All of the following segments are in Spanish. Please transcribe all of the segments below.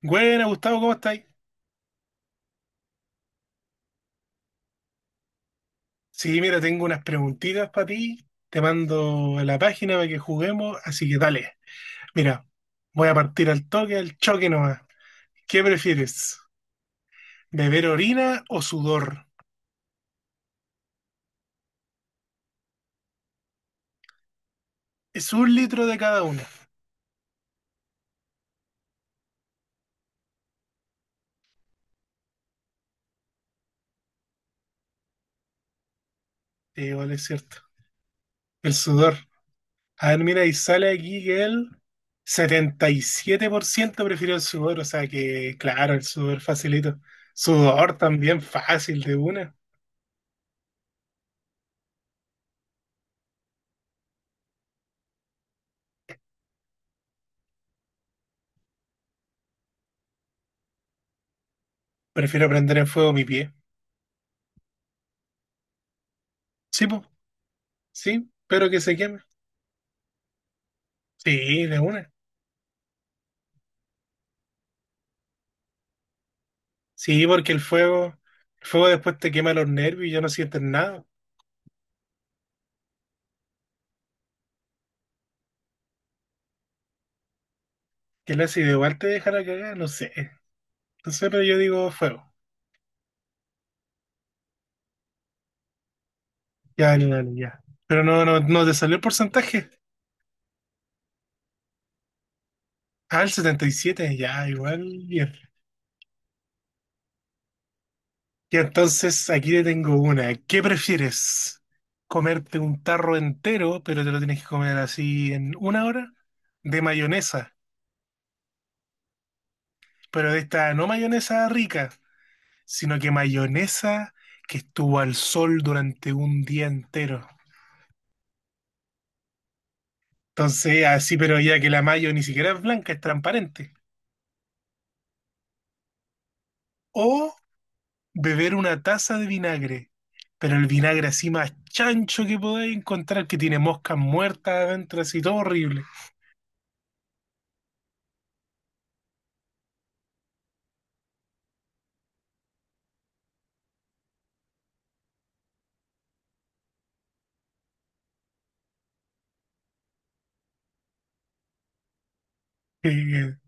Buena, Gustavo, ¿cómo estáis? Sí, mira, tengo unas preguntitas para ti. Te mando a la página para que juguemos, así que dale. Mira, voy a partir al toque, al choque nomás. ¿Qué prefieres? ¿Beber orina o sudor? Es un litro de cada una. Sí, vale, es cierto. El sudor. A ver, mira, y sale aquí que el 77% prefirió el sudor, o sea que, claro, el sudor facilito. Sudor también fácil de una. Prefiero prender en fuego mi pie. Sí, pues. Sí, pero que se queme. Sí, de una. Sí, porque el fuego después te quema los nervios y ya no sientes nada. Que el ácido igual te deja la cagada, no sé. No sé, pero yo digo fuego. Ya, dale, dale, ya. Pero no, no, no te salió el porcentaje. Ah, el 77, ya, igual, bien. Y entonces aquí te tengo una. ¿Qué prefieres? ¿Comerte un tarro entero, pero te lo tienes que comer así en una hora? De mayonesa, pero de esta no mayonesa rica, sino que mayonesa que estuvo al sol durante un día entero. Entonces, así, pero ya que la mayo ni siquiera es blanca, es transparente. O beber una taza de vinagre, pero el vinagre así más chancho que podáis encontrar, que tiene moscas muertas adentro, así todo horrible.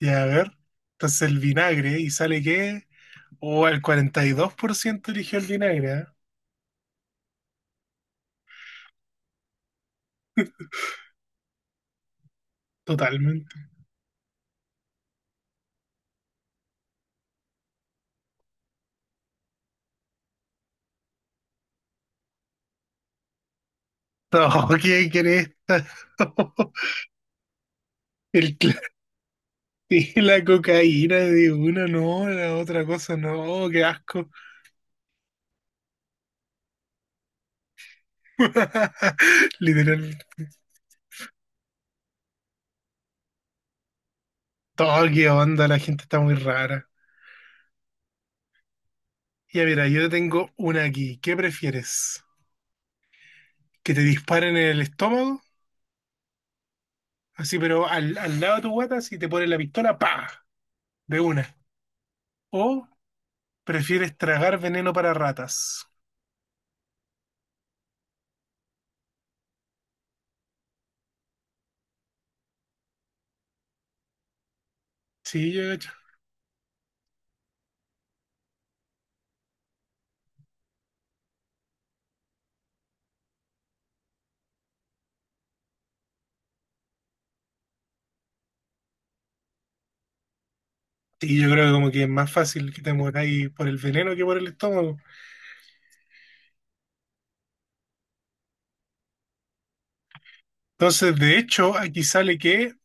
Ya, a ver. Entonces el vinagre, ¿y sale qué? O el 42% eligió el vinagre, ¿eh? Totalmente. No, ¿quién quiere esta? El, Sí, la cocaína de una, no, la otra cosa, no, qué asco. Literal, todo qué onda, la gente está muy rara. Ya mira, yo tengo una aquí. ¿Qué prefieres? ¿Que te disparen en el estómago? Así, pero al lado de tu guata, si te ponen la pistola, ¡pa! De una. ¿O prefieres tragar veneno para ratas? Sí, yo, sí, yo creo que como que es más fácil que te mueras ahí por el veneno que por el estómago. Entonces, de hecho, aquí sale que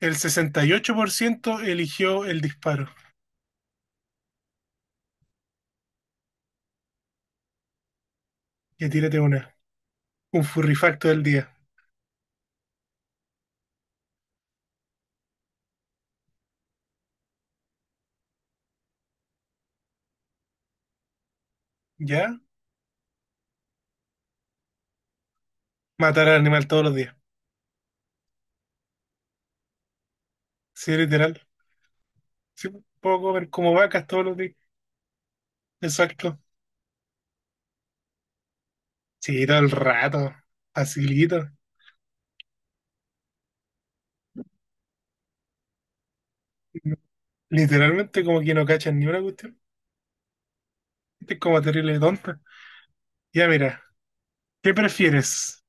el 68% eligió el disparo. Ya tírate una. Un furrifacto del día. ¿Ya? Matar al animal todos los días. Sí, literal. Sí, puedo comer como vacas todos los días. Exacto. Sí, todo el rato. Facilito. Literalmente como que no cachan ni una cuestión. Este es como terrible tonta. Ya mira, ¿qué prefieres?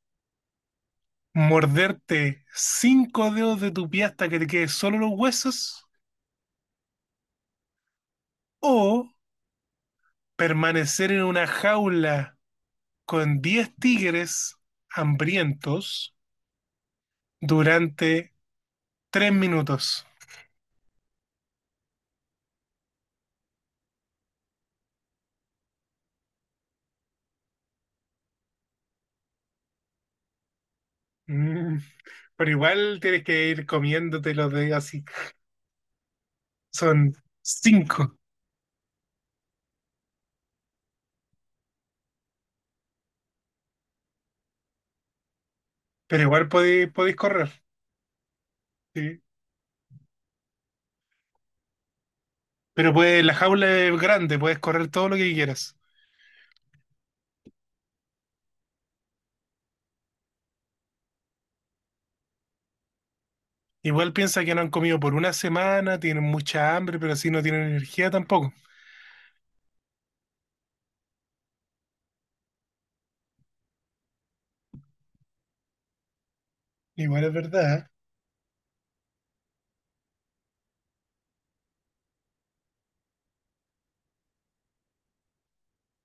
¿Morderte cinco dedos de tu pie hasta que te queden solo los huesos? ¿O permanecer en una jaula con 10 tigres hambrientos durante 3 minutos? Mm, pero igual tienes que ir comiéndote los de así. Son cinco, pero igual podéis correr. ¿Sí? Pero pues la jaula es grande, puedes correr todo lo que quieras. Igual piensa que no han comido por una semana, tienen mucha hambre, pero así no tienen energía tampoco. Igual es verdad. ¿Eh?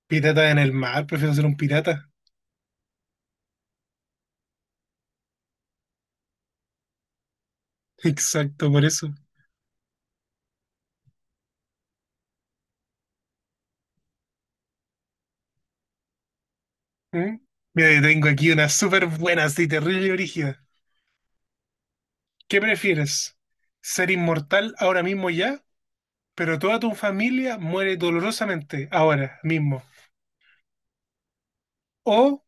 Pirata en el mar, prefiero ser un pirata. Exacto, por eso. ¿Mm? Mira, yo tengo aquí una súper buena, así terrible y rígida. ¿Qué prefieres? ¿Ser inmortal ahora mismo ya, pero toda tu familia muere dolorosamente ahora mismo? ¿O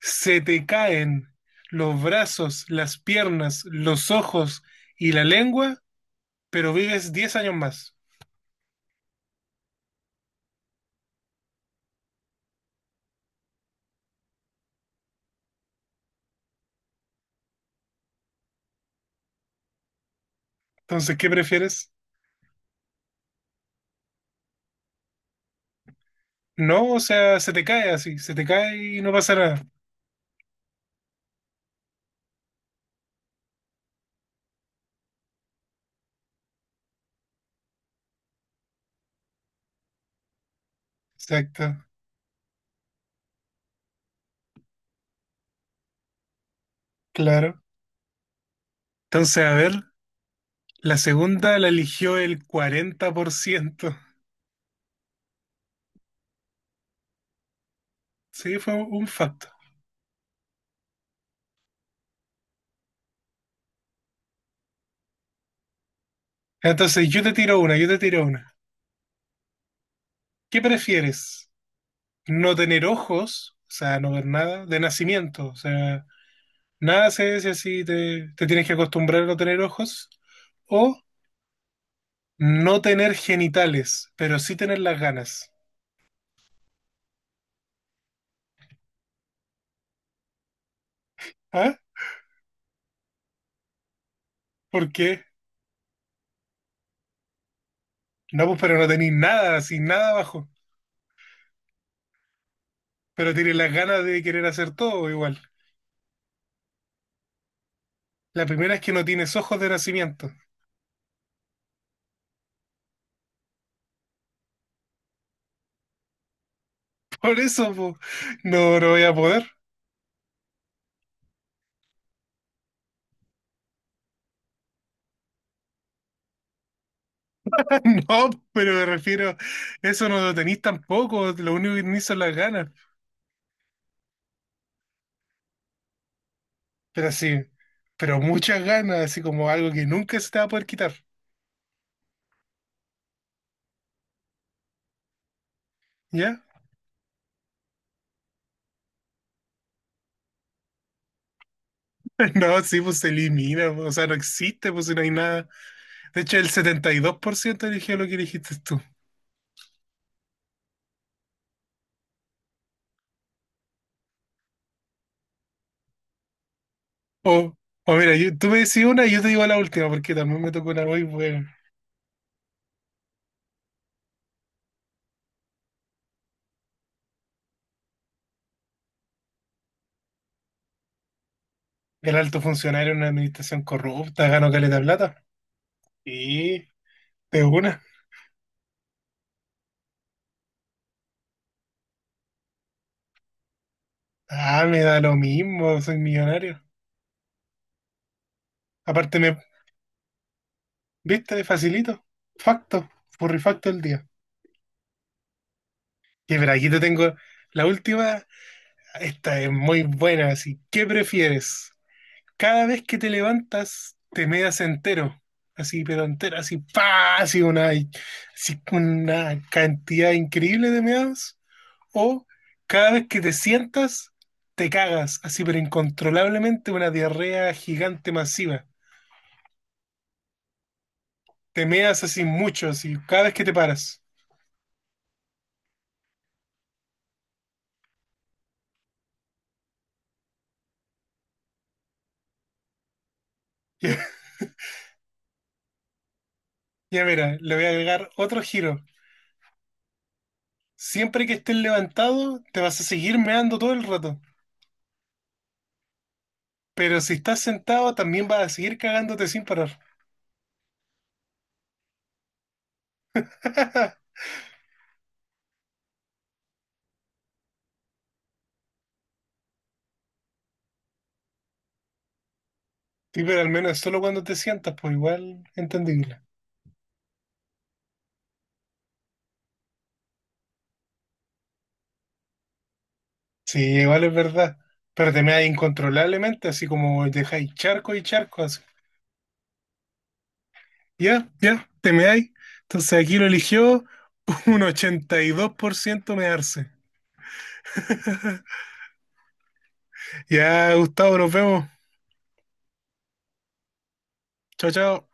se te caen los brazos, las piernas, los ojos y la lengua, pero vives 10 años más? Entonces, ¿qué prefieres? No, o sea, se te cae así, se te cae y no pasa nada. Exacto, claro. Entonces, a ver, la segunda la eligió el 40%. Sí, fue un facto. Entonces, yo te tiro una, yo te tiro una. ¿Qué prefieres? ¿No tener ojos, o sea, no ver nada, de nacimiento? O sea, nada se si así, te tienes que acostumbrar a no tener ojos. ¿O no tener genitales, pero sí tener las ganas? ¿Ah? ¿Por qué? No, pues, pero no tenéis nada, sin nada abajo. Pero tienes las ganas de querer hacer todo igual. La primera es que no tienes ojos de nacimiento. Por eso, po, no, no voy a poder. No, pero me refiero, eso no lo tenéis tampoco. Lo único que tenéis son las ganas. Pero así, pero muchas ganas, así como algo que nunca se te va a poder quitar, ¿ya? No, sí, pues se elimina, pues, o sea, no existe, pues si no hay nada. De hecho, el 72% eligió lo que dijiste tú. O, o mira, tú me decís una y yo te digo la última, porque también me tocó una muy buena. ¿El alto funcionario en una administración corrupta, ganó caleta de plata. Y de una. Ah, me da lo mismo, soy millonario. Aparte, ¿viste? Facilito. Facto, furrifacto el día. Y mira, aquí te tengo la última. Esta es muy buena, así. ¿Qué prefieres? Cada vez que te levantas, te meas entero. Así, pero entero, así, pa, así una cantidad increíble de meados. O cada vez que te sientas, te cagas, así, pero incontrolablemente una diarrea gigante masiva. Te meas así mucho, así, cada vez que te paras. Ya ya mira, le voy a agregar otro giro. Siempre que estés levantado, te vas a seguir meando todo el rato. Pero si estás sentado, también vas a seguir cagándote sin parar. Sí, pero al menos solo cuando te sientas, pues igual entendible. Sí, igual es verdad. Pero te meáis incontrolablemente, así como dejáis charco y charco, así. Ya, ya, te meáis. Entonces aquí lo eligió un 82% mearse. Ya, Gustavo, nos vemos. Chao, chao.